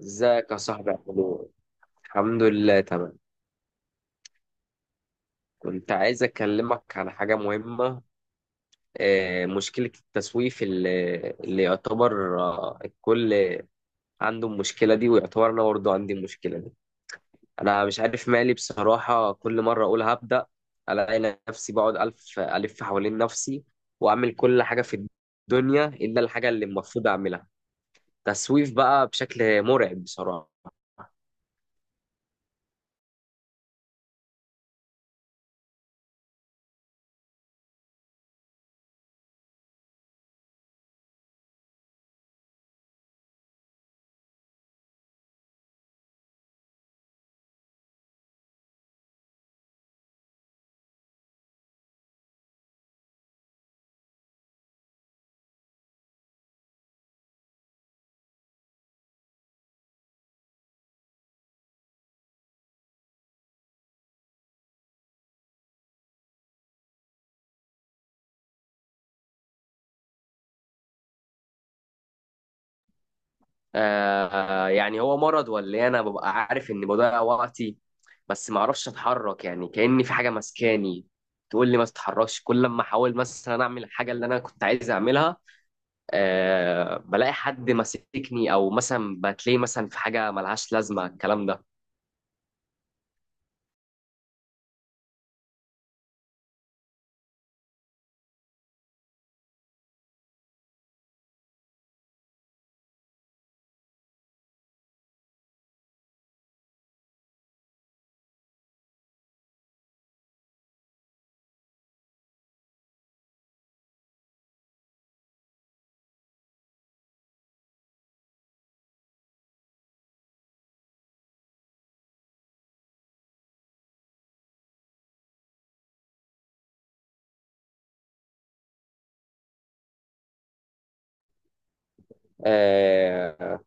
ازيك يا صاحبي عامل ايه؟ الحمد لله تمام. كنت عايز اكلمك على حاجة مهمة. مشكلة التسويف اللي يعتبر، الكل عنده المشكلة دي، ويعتبر انا برضه عندي المشكلة دي. انا مش عارف مالي بصراحة، كل مرة اقول هبدأ الاقي نفسي بقعد الف الف حوالين نفسي، واعمل كل حاجة في الدنيا الا الحاجة اللي المفروض اعملها. تسويف بقى بشكل مرعب بصراحة. آه، يعني هو مرض ولا إيه؟ انا ببقى عارف اني بضيع وقتي، بس ما اعرفش اتحرك، يعني كأني في حاجه ماسكاني تقول لي ما تتحركش. كل لما احاول مثلا اعمل الحاجه اللي انا كنت عايز اعملها، آه، بلاقي حد ماسكني، او مثلا بتلاقي مثلا في حاجه ملهاش لازمه الكلام ده. آه،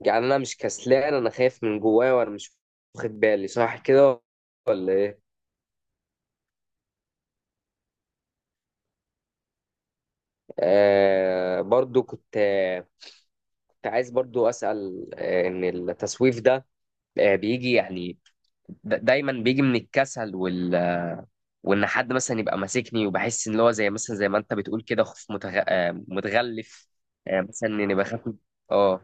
يعني انا مش كسلان، انا خايف من جوايا وانا مش واخد بالي، صح كده ولا ايه؟ آه، برضو كنت عايز برضو اسال، ان التسويف ده، بيجي يعني دايما بيجي من الكسل وان حد مثلا يبقى ماسكني، وبحس ان هو زي مثلا زي ما انت بتقول كده، خوف متغلف. مثلا اني اه.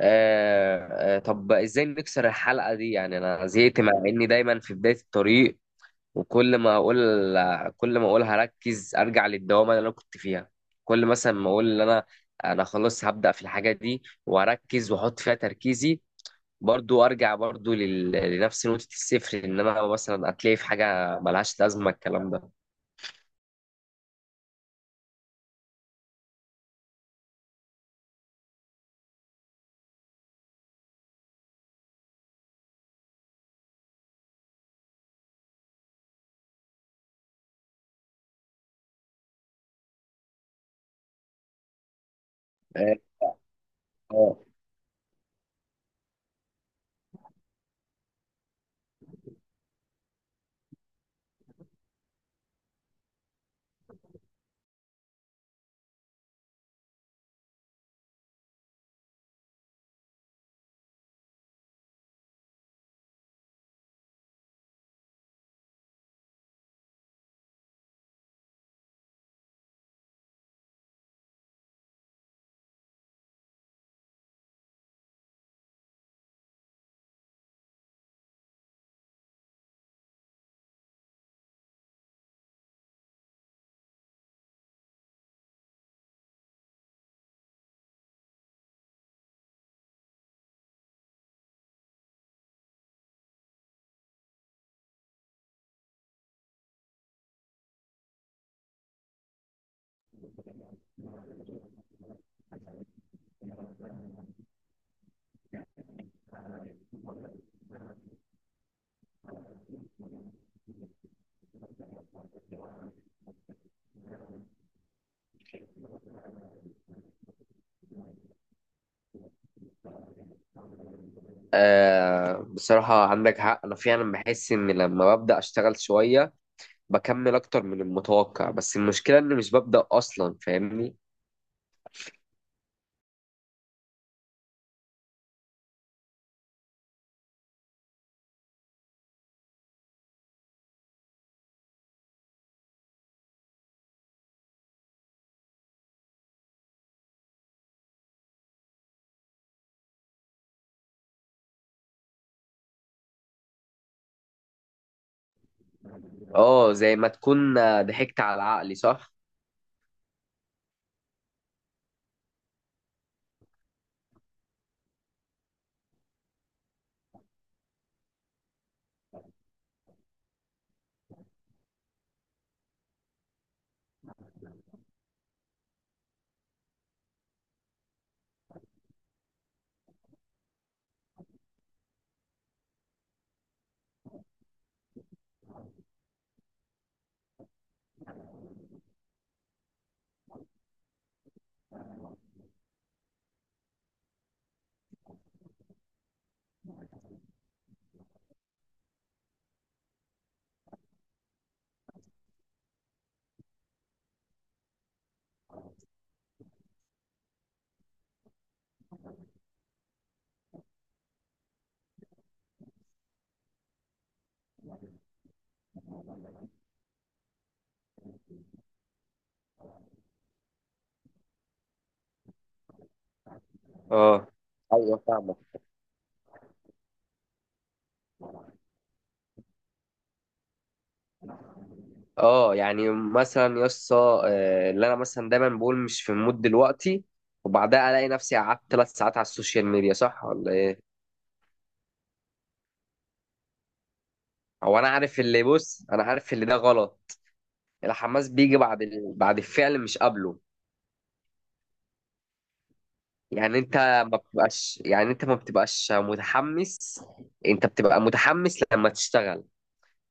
آه، طب ازاي نكسر الحلقة دي؟ يعني انا زهقت، مع اني دايما في بداية الطريق. وكل ما اقول، كل ما اقول هركز ارجع للدوامة اللي انا كنت فيها. كل مثلا ما اقول ان انا خلاص هبدأ في الحاجة دي واركز واحط فيها تركيزي، برضو ارجع برضو لنفس نقطة الصفر، ان انا مثلا هتلاقي في حاجة ملهاش لازمة الكلام ده. آه. آه. بصراحة عندك حق، انا فعلا بحس ان لما ببدأ اشتغل شوية بكمل اكتر من المتوقع، بس المشكلة اني مش ببدأ اصلا، فاهمني؟ اه، زي ما تكون ضحكت على عقلي، صح. اه، ايوه فاهمك. اه، يعني مثلا يسطا، اللي انا مثلا دايما بقول مش في المود دلوقتي، وبعدها الاقي نفسي قعدت 3 ساعات على السوشيال ميديا، صح ولا؟ هو انا عارف اللي، بص انا عارف اللي ده غلط. الحماس بيجي بعد بعد الفعل مش قبله. يعني انت ما بتبقاش، يعني انت ما بتبقاش متحمس، انت بتبقى متحمس لما تشتغل.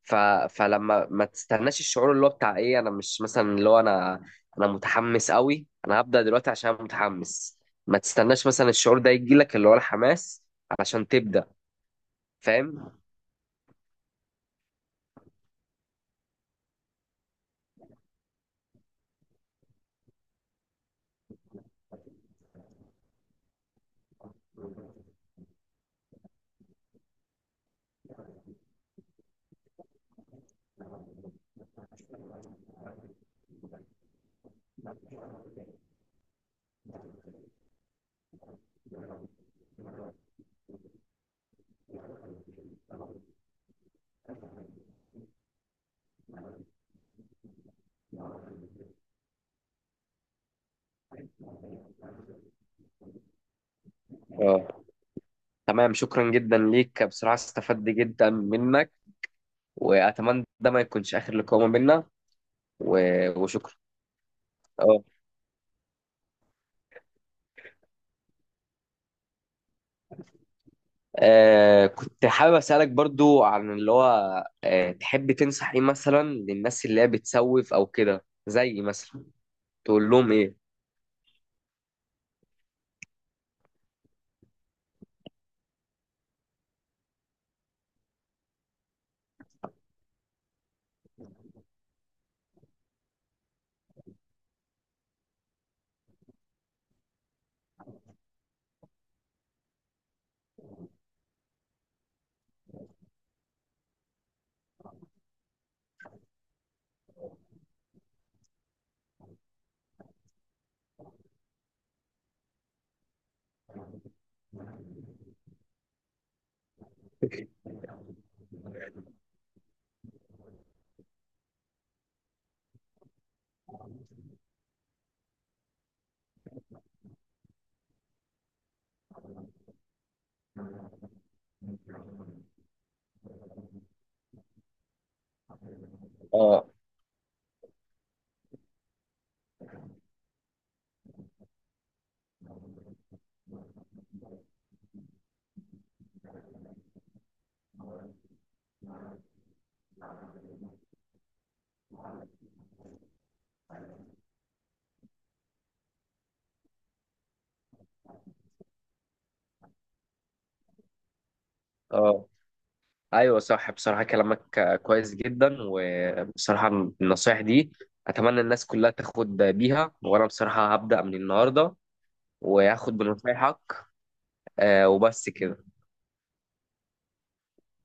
ف... فلما ما تستناش الشعور اللي هو بتاع ايه، انا مش مثلا اللي هو انا متحمس قوي انا هبدأ دلوقتي عشان أنا متحمس، ما تستناش مثلا الشعور ده يجي لك، اللي هو الحماس، علشان تبدأ. فاهم. اه، تمام، شكرا جدا ليك بصراحة، استفدت جدا منك، واتمنى ده ما يكونش اخر لقاء ما بيننا. وشكرا. اه. كنت حابب اسالك برضو عن اللي هو، تحب تنصح ايه مثلا للناس اللي هي بتسوف او كده، زي مثلا تقول لهم ايه؟ اه. اه. ايوه صح، بصراحه كلامك كويس جدا. وبصراحه النصايح دي اتمنى الناس كلها تاخد بيها، وانا بصراحه هبدا من النهارده وهاخد بنصايحك. وبس كده.